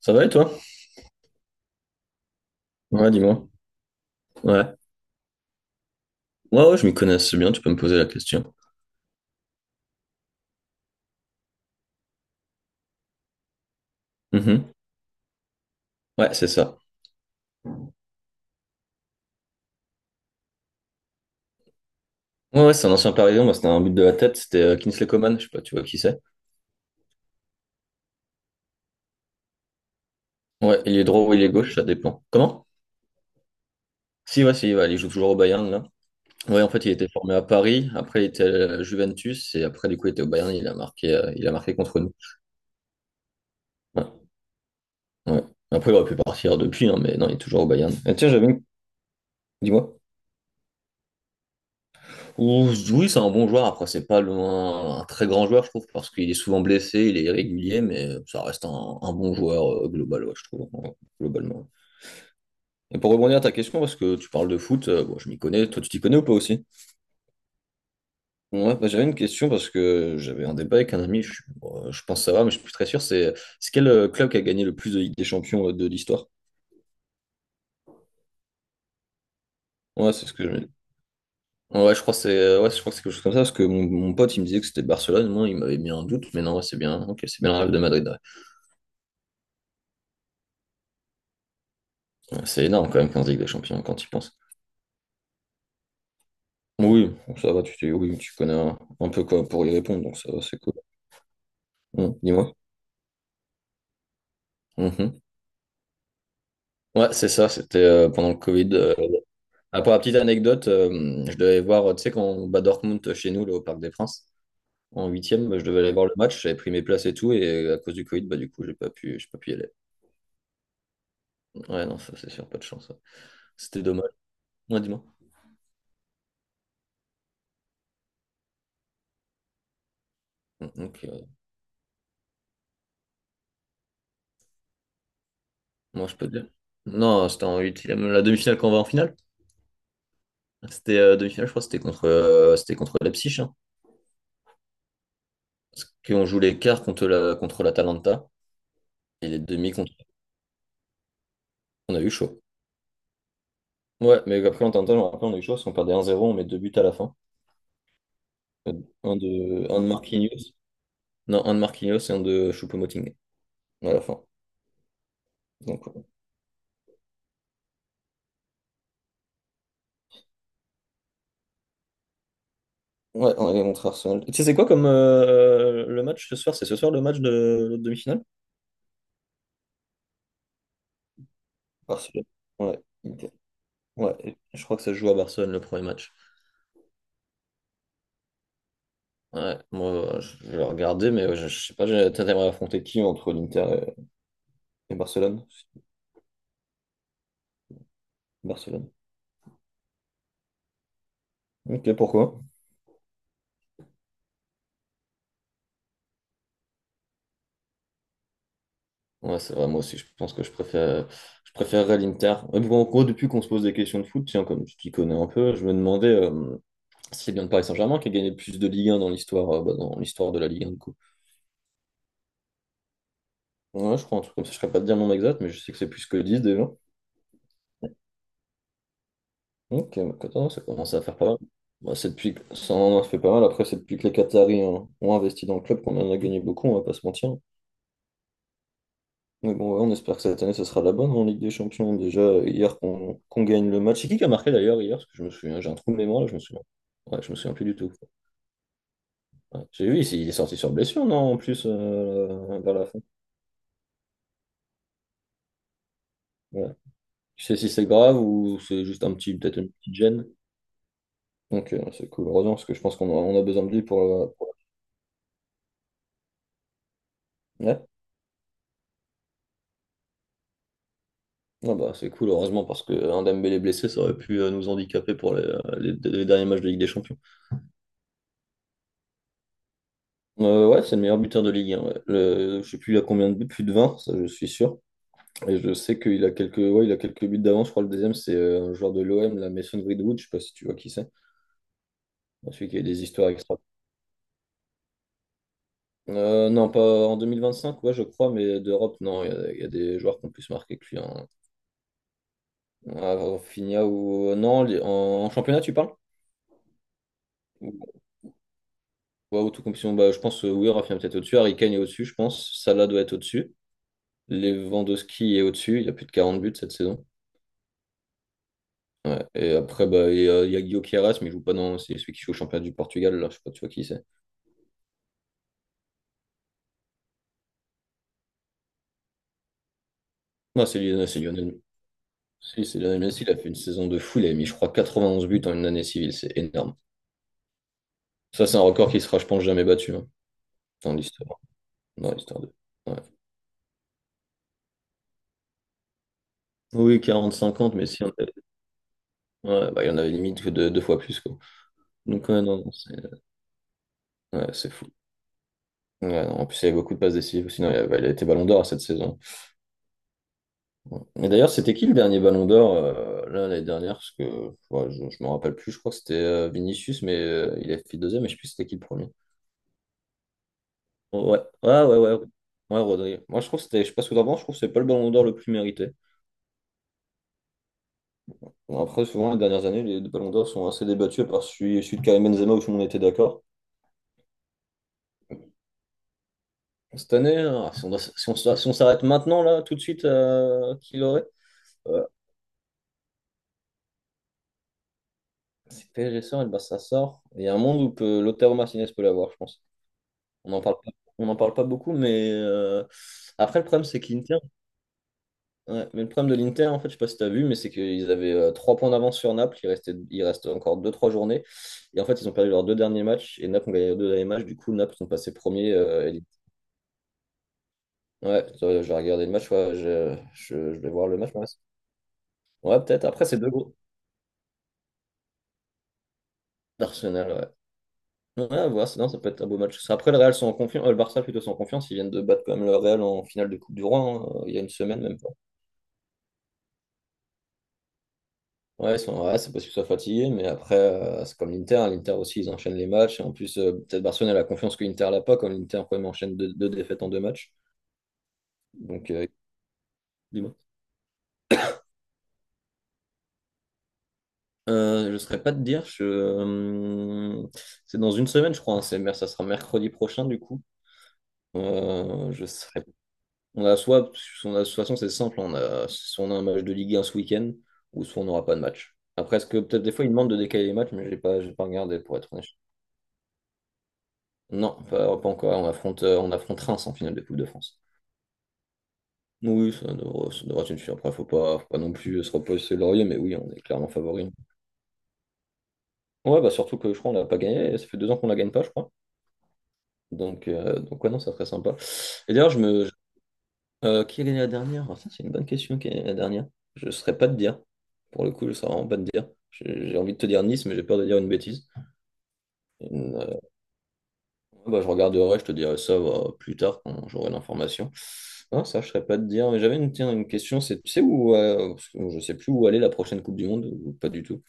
Ça va et toi? Ouais, dis-moi. Ouais. Ouais, ouais, je m'y connais assez bien, tu peux me poser la question. Mhm. Ouais, c'est ça. Ouais, ouais, c'est un ancien parisien, moi c'était un but de la tête, c'était Kingsley Coman, je sais pas, tu vois qui c'est. Ouais, il est droit ou il est gauche, ça dépend. Comment? Si, ouais, si, ouais, il joue toujours au Bayern, là. Ouais, en fait, il était formé à Paris, après il était à la Juventus, et après, du coup, il était au Bayern, il a marqué contre nous. Ouais, ouais. Après, il aurait pu partir depuis, hein, mais non, il est toujours au Bayern. Et tiens, j'avais une... Dis-moi. Oui, c'est un bon joueur. Après, c'est pas loin, un très grand joueur, je trouve, parce qu'il est souvent blessé, il est irrégulier, mais ça reste un bon joueur global, ouais, je trouve, ouais, globalement. Et pour rebondir à ta question, parce que tu parles de foot, bon, je m'y connais, toi tu t'y connais ou pas aussi? Ouais, bah, j'avais une question parce que j'avais un débat avec un ami, bon, je pense savoir, mais je suis plus très sûr, c'est quel club qui a gagné le plus de Ligue des Champions de l'histoire? Ouais, c'est ce que je me dis. Ouais, je crois que c'est je crois que c'est quelque chose comme ça, parce que mon pote il me disait que c'était Barcelone, moi il m'avait mis un doute, mais non, ouais, c'est bien, ok, c'est bien le Real de Madrid. Ouais. C'est énorme quand même 15 Ligues des Champions quand tu y penses. Oui, bon, ça va, oui, tu connais un peu quoi pour y répondre, donc ça va, c'est cool. Dis-moi. Mhm. Ouais, c'est ça, c'était pendant le Covid. Ah, pour la petite anecdote, je devais aller voir, tu sais, quand on bat Dortmund chez nous, là, au Parc des Princes, en huitième, bah, je devais aller voir le match, j'avais pris mes places et tout, et à cause du Covid, bah, du coup, j'ai pas pu y aller. Ouais, non, ça, c'est sûr, pas de chance. Ouais. C'était dommage. Ouais, dis-moi. Donc, moi, je peux te dire. Non, c'était en huitième, la demi-finale qu'on va en finale. C'était demi-finale, je crois, c'était c'était contre Leipzig, hein. Puis on joue les quarts contre contre l'Atalanta et les demi contre. On a eu chaud. Ouais, mais après, en je me rappelle, on a eu chaud parce qu'on perdait 1-0, on met deux buts à la fin. Euh, un de Marquinhos. Non, un de Marquinhos et un de Choupo-Moting à la fin. Donc, ouais. Ouais, on est contre Arsenal. Tu sais, c'est quoi comme le match ce soir? C'est ce soir le match de l'autre demi-finale? Barcelone. Ouais, ok. Ouais, et je crois que ça se joue à Barcelone le premier match. Ouais, moi, je vais regarder, mais ouais, je sais pas, t'aimerais affronter qui entre l'Inter et Barcelone? Barcelone. Ok, pourquoi? Ouais, c'est vrai, moi aussi, je pense que je préfère, je préférerais l'Inter. Mais bon, en gros, depuis qu'on se pose des questions de foot, tiens, comme tu t'y connais un peu, je me demandais si c'est bien le Paris Saint-Germain qui a gagné le plus de Ligue un dans l'histoire dans l'histoire de la Ligue un du coup. Ouais, je crois un truc comme ça, je ne saurais pas te dire le nombre exact, mais je sais que c'est plus que 10 déjà. Ok, bah, 14, ça commence à faire pas mal. Bah, c'est depuis que... Ça en a fait pas mal. Après, c'est depuis que les Qataris hein, ont investi dans le club qu'on en a gagné beaucoup, on va pas se mentir. Mais bon, ouais, on espère que cette année, ça sera la bonne en Ligue des Champions. Déjà, hier, qu'on gagne le match. C'est qui a marqué d'ailleurs hier? Parce que je me souviens, j'ai un trou de mémoire là, je me souviens. Ouais, je me souviens plus du tout. Ouais. J'ai vu, il est sorti sur blessure, non, en plus, vers la fin. Ouais. Je sais si c'est grave ou c'est juste un petit, peut-être une petite gêne. Donc, c'est cool. Heureusement, parce que je pense on a besoin de lui pour... pour... Ouais. Ah bah, c'est cool, heureusement, parce que un Dembélé blessé, ça aurait pu nous handicaper pour les derniers matchs de Ligue des Champions. Ouais, c'est le meilleur buteur de Ligue 1. Ouais. Je sais plus il a combien de buts, plus de 20 ça je suis sûr. Et je sais qu'il a il a quelques buts d'avance. Je crois que le deuxième, c'est un joueur de l'OM, la Mason Greenwood, je sais pas si tu vois qui c'est. Celui qui a des histoires extra. Non, pas en 2025, ouais, je crois, mais d'Europe, non, il y a des joueurs qui ont plus marqué que lui. À Rafinha ou. Non, en championnat, tu parles? Wow, autocompétition, bah, je pense, oui, Rafinha est peut-être au-dessus. Harry Kane est au-dessus, je pense. Salah doit être au-dessus. Lewandowski est au-dessus. Il a plus de 40 buts cette saison. Ouais. Et après, bah, il y a Guillaume Queiroz, mais il joue pas dans. C'est celui qui joue au championnat du Portugal, là. Je sais pas, tu vois qui c'est. Non, c'est Lionel, c'est Lionel. Si, c'est Lionel Messi. Il a fait une saison de fou. Il a mis, je crois, 91 buts en une année civile. C'est énorme. Ça, c'est un record qui sera, je pense, jamais battu hein, dans l'histoire. Dans l'histoire de. Ouais. Oui, 40-50, mais si on avait- ouais, bah, il y en avait limite que deux, deux fois plus, quoi. Donc, ouais, non, non, c'est ouais, c'est fou. Ouais, non, en plus, il y avait beaucoup de passes décisives. Sinon, il a été Ballon d'Or cette saison. Ouais. Et d'ailleurs, c'était qui le dernier Ballon d'Or là l'année dernière? Parce que ouais, je ne me rappelle plus. Je crois que c'était Vinicius, mais il a fait deuxième. Mais je sais plus c'était qui le premier. Oh, ouais, ouais, ouais, ouais. Ouais, Rodri. Moi, je trouve que c'était, je sais pas ce que t'en penses, je trouve que c'est pas le Ballon d'Or le plus mérité. Bon, après, souvent, les dernières années, les Ballons d'Or sont assez débattus par celui de Karim Benzema où tout le monde était d'accord. Cette année, hein, si on doit- si on- si on s'arrête maintenant, là, tout de suite, qui l'aurait? Euh, C'est très récent, et ben, ça sort. Il y a un monde l'auteur Martinez peut l'avoir, je pense. On n'en parle pas, on n'en parle pas beaucoup, mais après, le problème, c'est qu'Inter, ouais, mais le problème de l'Inter, en fait, je sais pas si tu as vu, mais c'est qu'ils avaient trois points d'avance sur Naples. Il reste encore deux, trois journées. Et en fait, ils ont perdu leurs deux derniers matchs, et Naples ont gagné leurs deux derniers matchs. Du coup, Naples sont passés premiers. Ouais, j'ai regardé le match, ouais, je vais voir le match. Ouais, ouais, peut-être. Après, c'est deux gros. D'Arsenal, ouais. Ouais, à voir, non, ça peut être un beau match. Après, le Real sont en confiance, le Barça plutôt sont en confiance, ils viennent de battre quand même le Real en finale de Coupe du Roi, hein, il y a une semaine même pas. Ouais, ouais, c'est possible qu'ils soient fatigués, mais après, c'est comme l'Inter, hein, l'Inter aussi, ils enchaînent les matchs, et en plus, peut-être Barcelone a la confiance que l'Inter l'a pas, comme l'Inter quand même enchaîne deux défaites en deux matchs. Donc, dis-moi. Je ne saurais pas te dire, je... c'est dans une semaine, je crois, hein, ça sera mercredi prochain, du coup. Je ne saurais On a soit, de toute façon, c'est simple, on a, soit on a un match de Ligue 1 ce week-end, ou soit on n'aura pas de match. Après, est-ce que peut-être des fois, ils demandent de décaler les matchs, mais j'ai pas regardé pour être honnête. Non, pas encore. On affronte Reims en finale de Coupe de France. Oui, ça devrait être une suite. Après, faut pas non plus se reposer sur le laurier, mais oui, on est clairement favori. Ouais, bah surtout que je crois qu'on l'a pas gagné. Ça fait deux ans qu'on la gagne pas, je crois. Donc, ouais, non, c'est très sympa. Et d'ailleurs, quelle est la dernière? Ah, ça, c'est une bonne question. Quelle est la dernière? Je ne saurais pas te dire. Pour le coup, je ne saurais vraiment pas te dire. J'ai envie de te dire Nice, mais j'ai peur de dire une bêtise. Une, euh, ouais, bah, je regarderai, je te dirai ça bah, plus tard quand j'aurai l'information. Non, ça, je ne saurais pas te dire. Mais j'avais une, tiens, une question, c'est tu sais où, parce que je sais plus où aller la prochaine Coupe du Monde, ou pas du tout.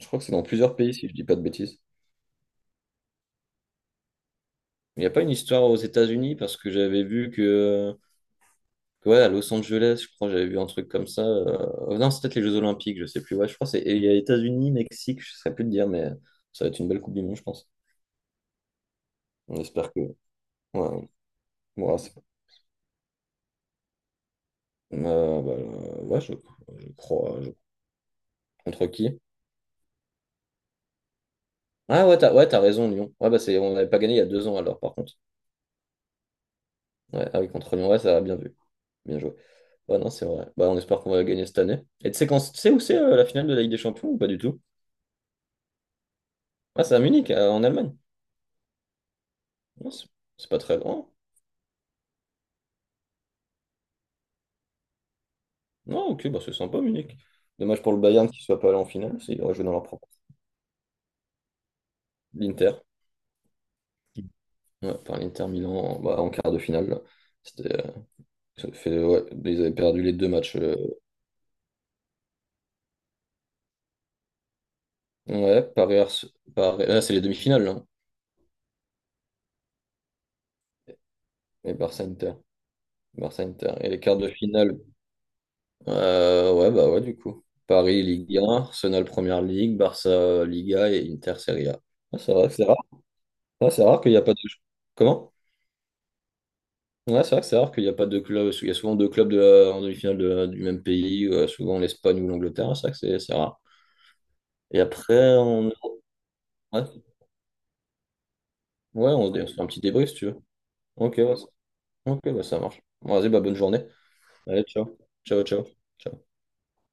Je crois que c'est dans plusieurs pays, si je dis pas de bêtises. Il n'y a pas une histoire aux États-Unis, parce que j'avais vu que ouais, à Los Angeles, je crois, j'avais vu un truc comme ça. Non, c'est peut-être les Jeux Olympiques, je sais plus. Ouais, je crois que c'est et il y a États-Unis, Mexique, je ne saurais plus te dire, mais ça va être une belle Coupe du Monde, je pense. On espère que. Ouais, ouais, c'est- ouais, je crois. Contre qui? Ah ouais, t'as raison, Lyon. Ouais, bah, c'est... On n'avait pas gagné il y a deux ans alors, par contre. Ouais, ah oui, contre Lyon, ouais, ça a bien vu. Bien joué. Ouais, non, c'est vrai. Bah, on espère qu'on va gagner cette année. Et tu sais quand... tu sais où c'est la finale de la Ligue des Champions ou pas du tout? Ah, c'est à Munich, en Allemagne. Non, c'est c'est pas très loin. Non, ok, bah c'est sympa, Munich. Dommage pour le Bayern qui ne soit pas allé en finale, s'ils auraient joué dans leur propre. L'Inter, ouais, par l'Inter Milan en, bah, en quart de finale. Là. C'était, ça fait, ouais, ils avaient perdu les deux matchs. Ouais, c'est les demi-finales, là, hein. Et Barça-Inter. Barça-Inter. Et les quarts de finale, ouais, du coup. Paris, Ligue 1, Arsenal, Première Ligue, Barça, Liga et Inter, Serie A. Ah, c'est rare. Ah, c'est rare qu'il n'y a pas de... Comment? Ouais, c'est vrai que c'est rare qu'il n'y a pas de club. Il y a souvent deux clubs en demi-finale du même pays, souvent l'Espagne ou l'Angleterre. C'est vrai que c'est rare. Et après, on, ouais, ouais, on se fait un petit débrief si tu veux. Ok, ouais, ok, bah, ça marche. Bon, vas-y, bah, bonne journée. Allez, ciao. Ciao, ciao. Ciao.